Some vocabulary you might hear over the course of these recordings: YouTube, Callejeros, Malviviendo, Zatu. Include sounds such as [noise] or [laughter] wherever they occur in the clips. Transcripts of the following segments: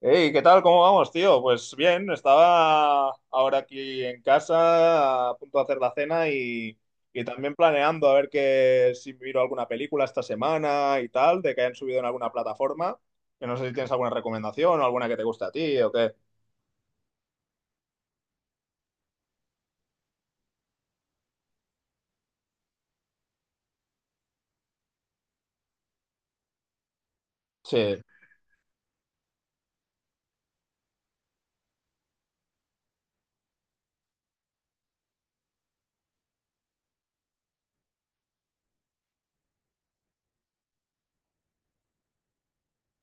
Hey, ¿qué tal? ¿Cómo vamos, tío? Pues bien, estaba ahora aquí en casa a punto de hacer la cena y también planeando a ver que, si miro alguna película esta semana y tal, de que hayan subido en alguna plataforma. Que no sé si tienes alguna recomendación o alguna que te guste a ti o qué. Sí,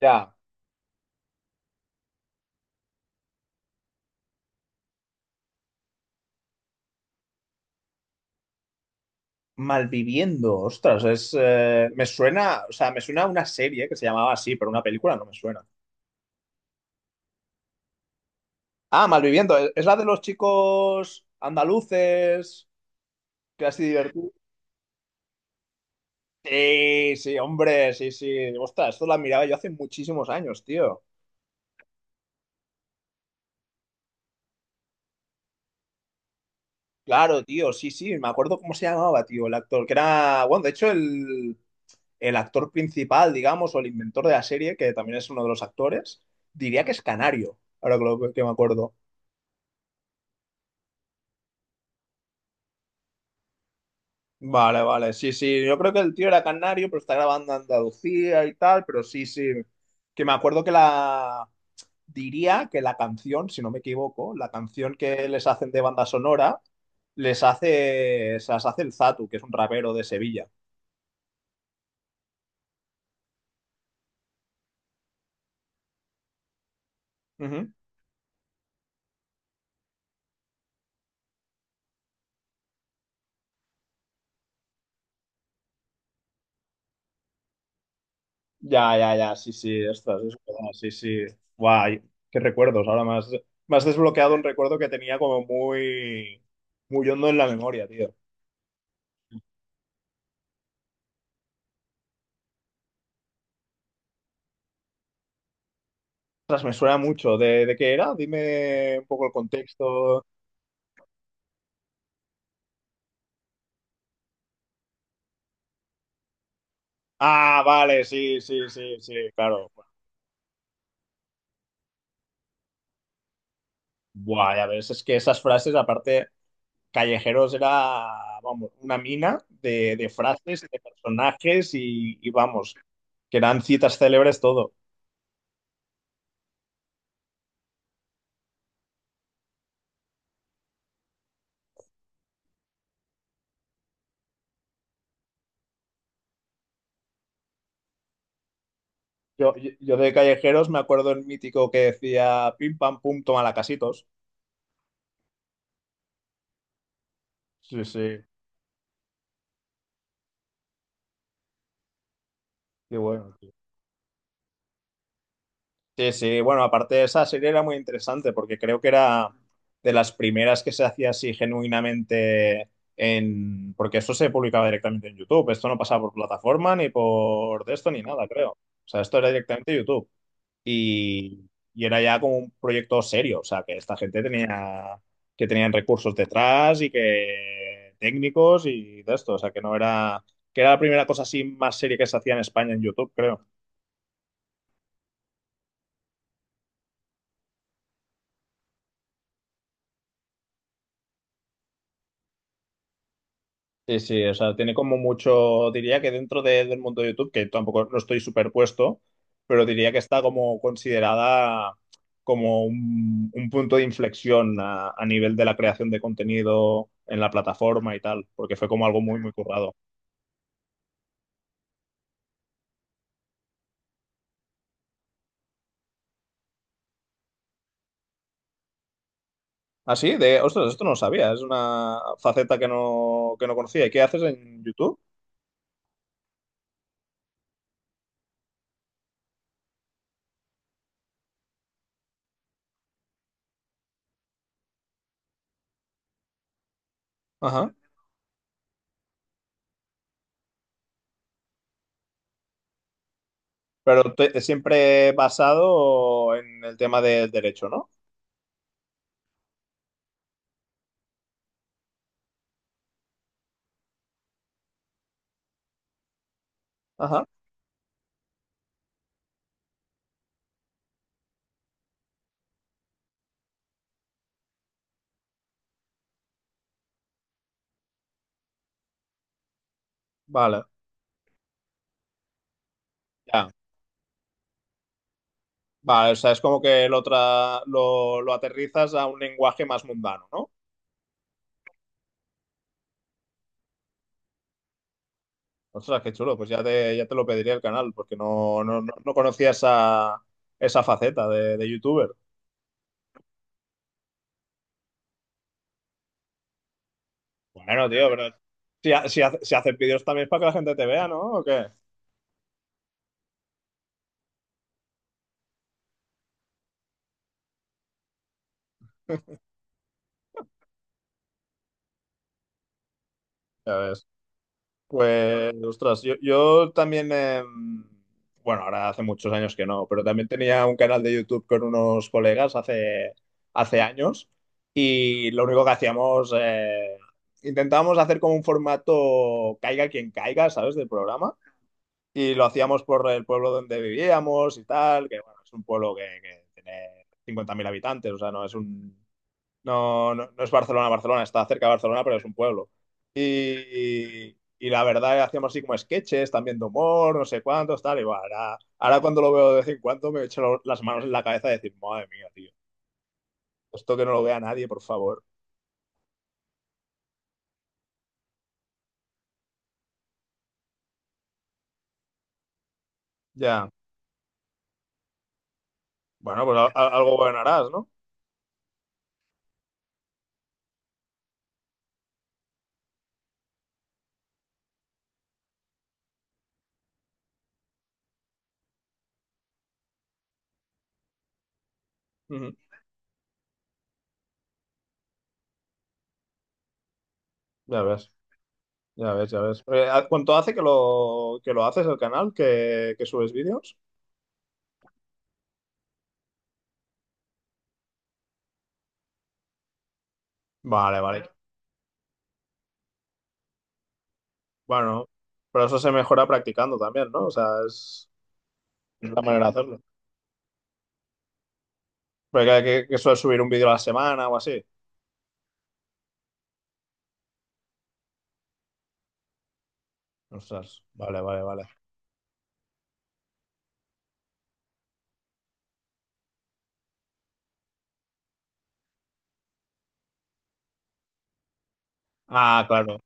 ya. Malviviendo, ostras, es, me suena, o sea, me suena a una serie que se llamaba así, pero una película no me suena. Ah, Malviviendo, es la de los chicos andaluces, que así divertidos. Sí, sí, hombre, sí, sí. Ostras, esto la miraba yo hace muchísimos años, tío. Claro, tío, sí, sí. Me acuerdo cómo se llamaba, tío, el actor, que era, bueno, de hecho, el actor principal, digamos, o el inventor de la serie, que también es uno de los actores, diría que es canario, ahora que, que me acuerdo. Vale, vale, sí, sí. Yo creo que el tío era canario, pero está grabando en Andalucía y tal, pero sí, sí. Que me acuerdo que la, diría que la canción, si no me equivoco, la canción que les hacen de banda sonora, les hace, se las hace el Zatu, que es un rapero de Sevilla. Ujú. Ya, ya, ya, sí, sí, ostras, es verdad, sí, sí. Guay, qué recuerdos. Ahora más, más desbloqueado un recuerdo que tenía como muy, muy hondo en la memoria, tío. Ostras, me suena mucho. De qué era? Dime un poco el contexto. Ah, vale, sí, sí, sí, sí, claro. Buah, ya ves, es que esas frases, aparte. Callejeros era, vamos, una mina de frases, de personajes y, vamos, que eran citas célebres todo. Yo de Callejeros me acuerdo el mítico que decía pim pam pum, toma la casitos. Sí, sí, qué bueno, tío. Sí, sí, bueno, aparte de esa serie era muy interesante porque creo que era de las primeras que se hacía así genuinamente en... Porque esto se publicaba directamente en YouTube, esto no pasaba por plataforma ni por de esto ni nada, creo. O sea, esto era directamente YouTube. Y, y era ya como un proyecto serio, o sea, que esta gente tenía, que tenían recursos detrás y que técnicos y de esto, o sea, que no era, que era la primera cosa así más seria que se hacía en España en YouTube, creo. Sí, sí, o sea, tiene como mucho, diría que del mundo de YouTube, que tampoco no estoy superpuesto, pero diría que está como considerada como un punto de inflexión a nivel de la creación de contenido en la plataforma y tal, porque fue como algo muy, muy currado. Ah, sí, de, ostras, esto no lo sabía, es una faceta que no conocía. ¿Y qué haces en YouTube? Ajá. Pero siempre basado en el tema del derecho, ¿no? Ajá. Vale, ya. Vale, o sea, es como que lo, lo aterrizas a un lenguaje más mundano, ¿no? Ostras, qué chulo, pues ya te lo pediría el canal, porque no, no, no, no conocía esa, esa faceta de youtuber. Bueno, tío, pero si, si, si haces vídeos también es para que la gente te vea, ¿no? ¿O qué? Ya ves. Pues, ostras, yo también, bueno, ahora hace muchos años que no, pero también tenía un canal de YouTube con unos colegas hace, hace años y lo único que hacíamos, intentábamos hacer como un formato caiga quien caiga, ¿sabes? Del programa y lo hacíamos por el pueblo donde vivíamos y tal, que bueno, es un pueblo que tiene 50.000 habitantes, o sea, no es un no, no, no es Barcelona, Barcelona, está cerca de Barcelona, pero es un pueblo. Y la verdad, hacíamos así como sketches, también de humor, no sé cuántos, tal. Y bueno, ahora, ahora cuando lo veo de vez en cuando me echo las manos en la cabeza y decir, madre mía, tío, esto que no lo vea nadie, por favor. Ya, bueno, pues algo bueno harás, ¿no? Ujú. Ya ves, ya ves, ya ves. ¿Cuánto hace que lo haces el canal, que subes vídeos? Vale, vale. Bueno, pero eso se mejora practicando también, ¿no? O sea, es la manera de hacerlo. Porque que suele subir un vídeo a la semana o así. Ostras, vale, vale, vale. Ah, claro.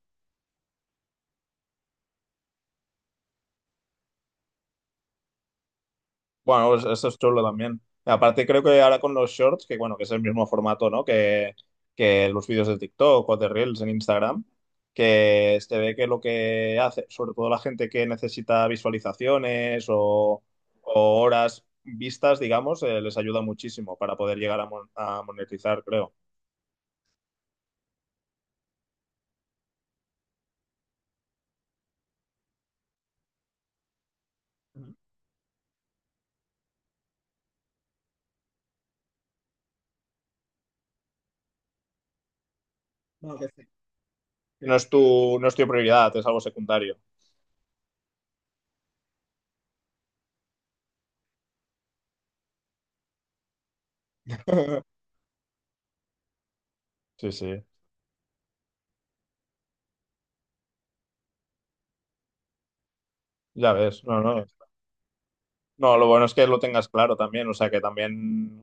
Bueno, pues eso es chulo también. Y aparte creo que ahora con los shorts, que bueno, que es el mismo formato, ¿no? Que los vídeos de TikTok o de Reels en Instagram, que se ve que lo que hace, sobre todo la gente que necesita visualizaciones o horas vistas, digamos, les ayuda muchísimo para poder llegar a, a monetizar, creo. Ujú. No, que sí. No es tu, no es tu prioridad, es algo secundario. [laughs] Sí, sí. Ya ves, no, no. No, lo bueno es que lo tengas claro también, o sea que también,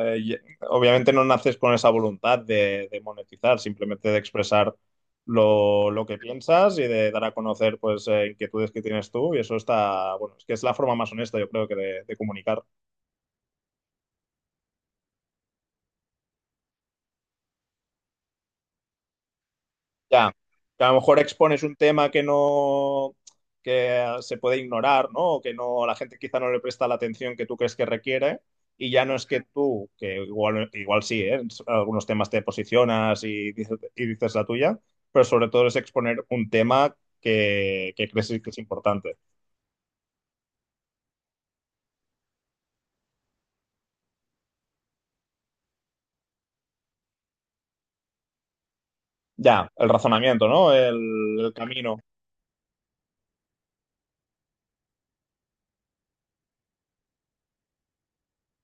eh, y- obviamente no naces con esa voluntad de monetizar, simplemente de expresar lo que piensas y de dar a conocer pues inquietudes que tienes tú y eso está, bueno, es que es la forma más honesta yo creo que de comunicar. Ya, que a lo mejor expones un tema que no, que se puede ignorar, ¿no? O que no, la gente quizá no le presta la atención que tú crees que requiere. Y ya no es que tú, que igual, igual sí, ¿eh? En algunos temas te posicionas y dices la tuya, pero sobre todo es exponer un tema que crees que es importante. Ya, el razonamiento, ¿no? El camino.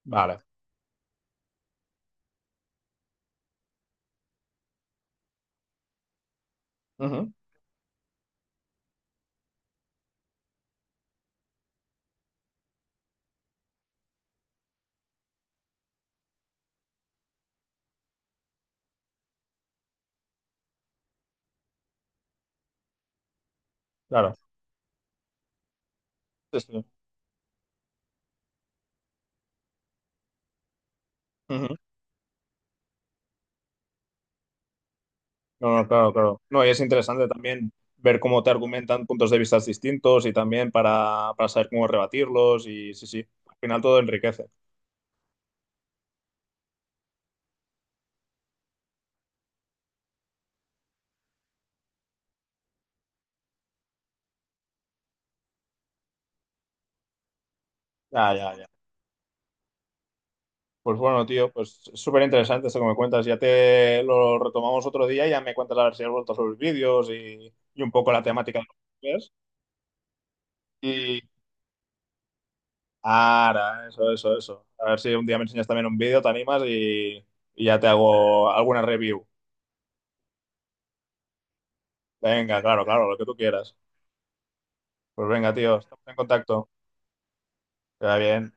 Vale. Ujú, claro. Sí, sí. Ujú. No, no, claro, claro. No, y es interesante también ver cómo te argumentan puntos de vista distintos y también para saber cómo rebatirlos y sí, sí, al final todo enriquece. Ya, ya, ya. Pues bueno, tío, pues es súper interesante esto que me cuentas. Ya te lo retomamos otro día y ya me cuentas a ver si has vuelto sobre los vídeos y un poco la temática de los vídeos. Y ahora, eso, eso, eso. A ver si un día me enseñas también un vídeo, te animas y ya te hago alguna review. Venga, claro, claro, lo que tú quieras. Pues venga, tío, estamos en contacto. Está bien.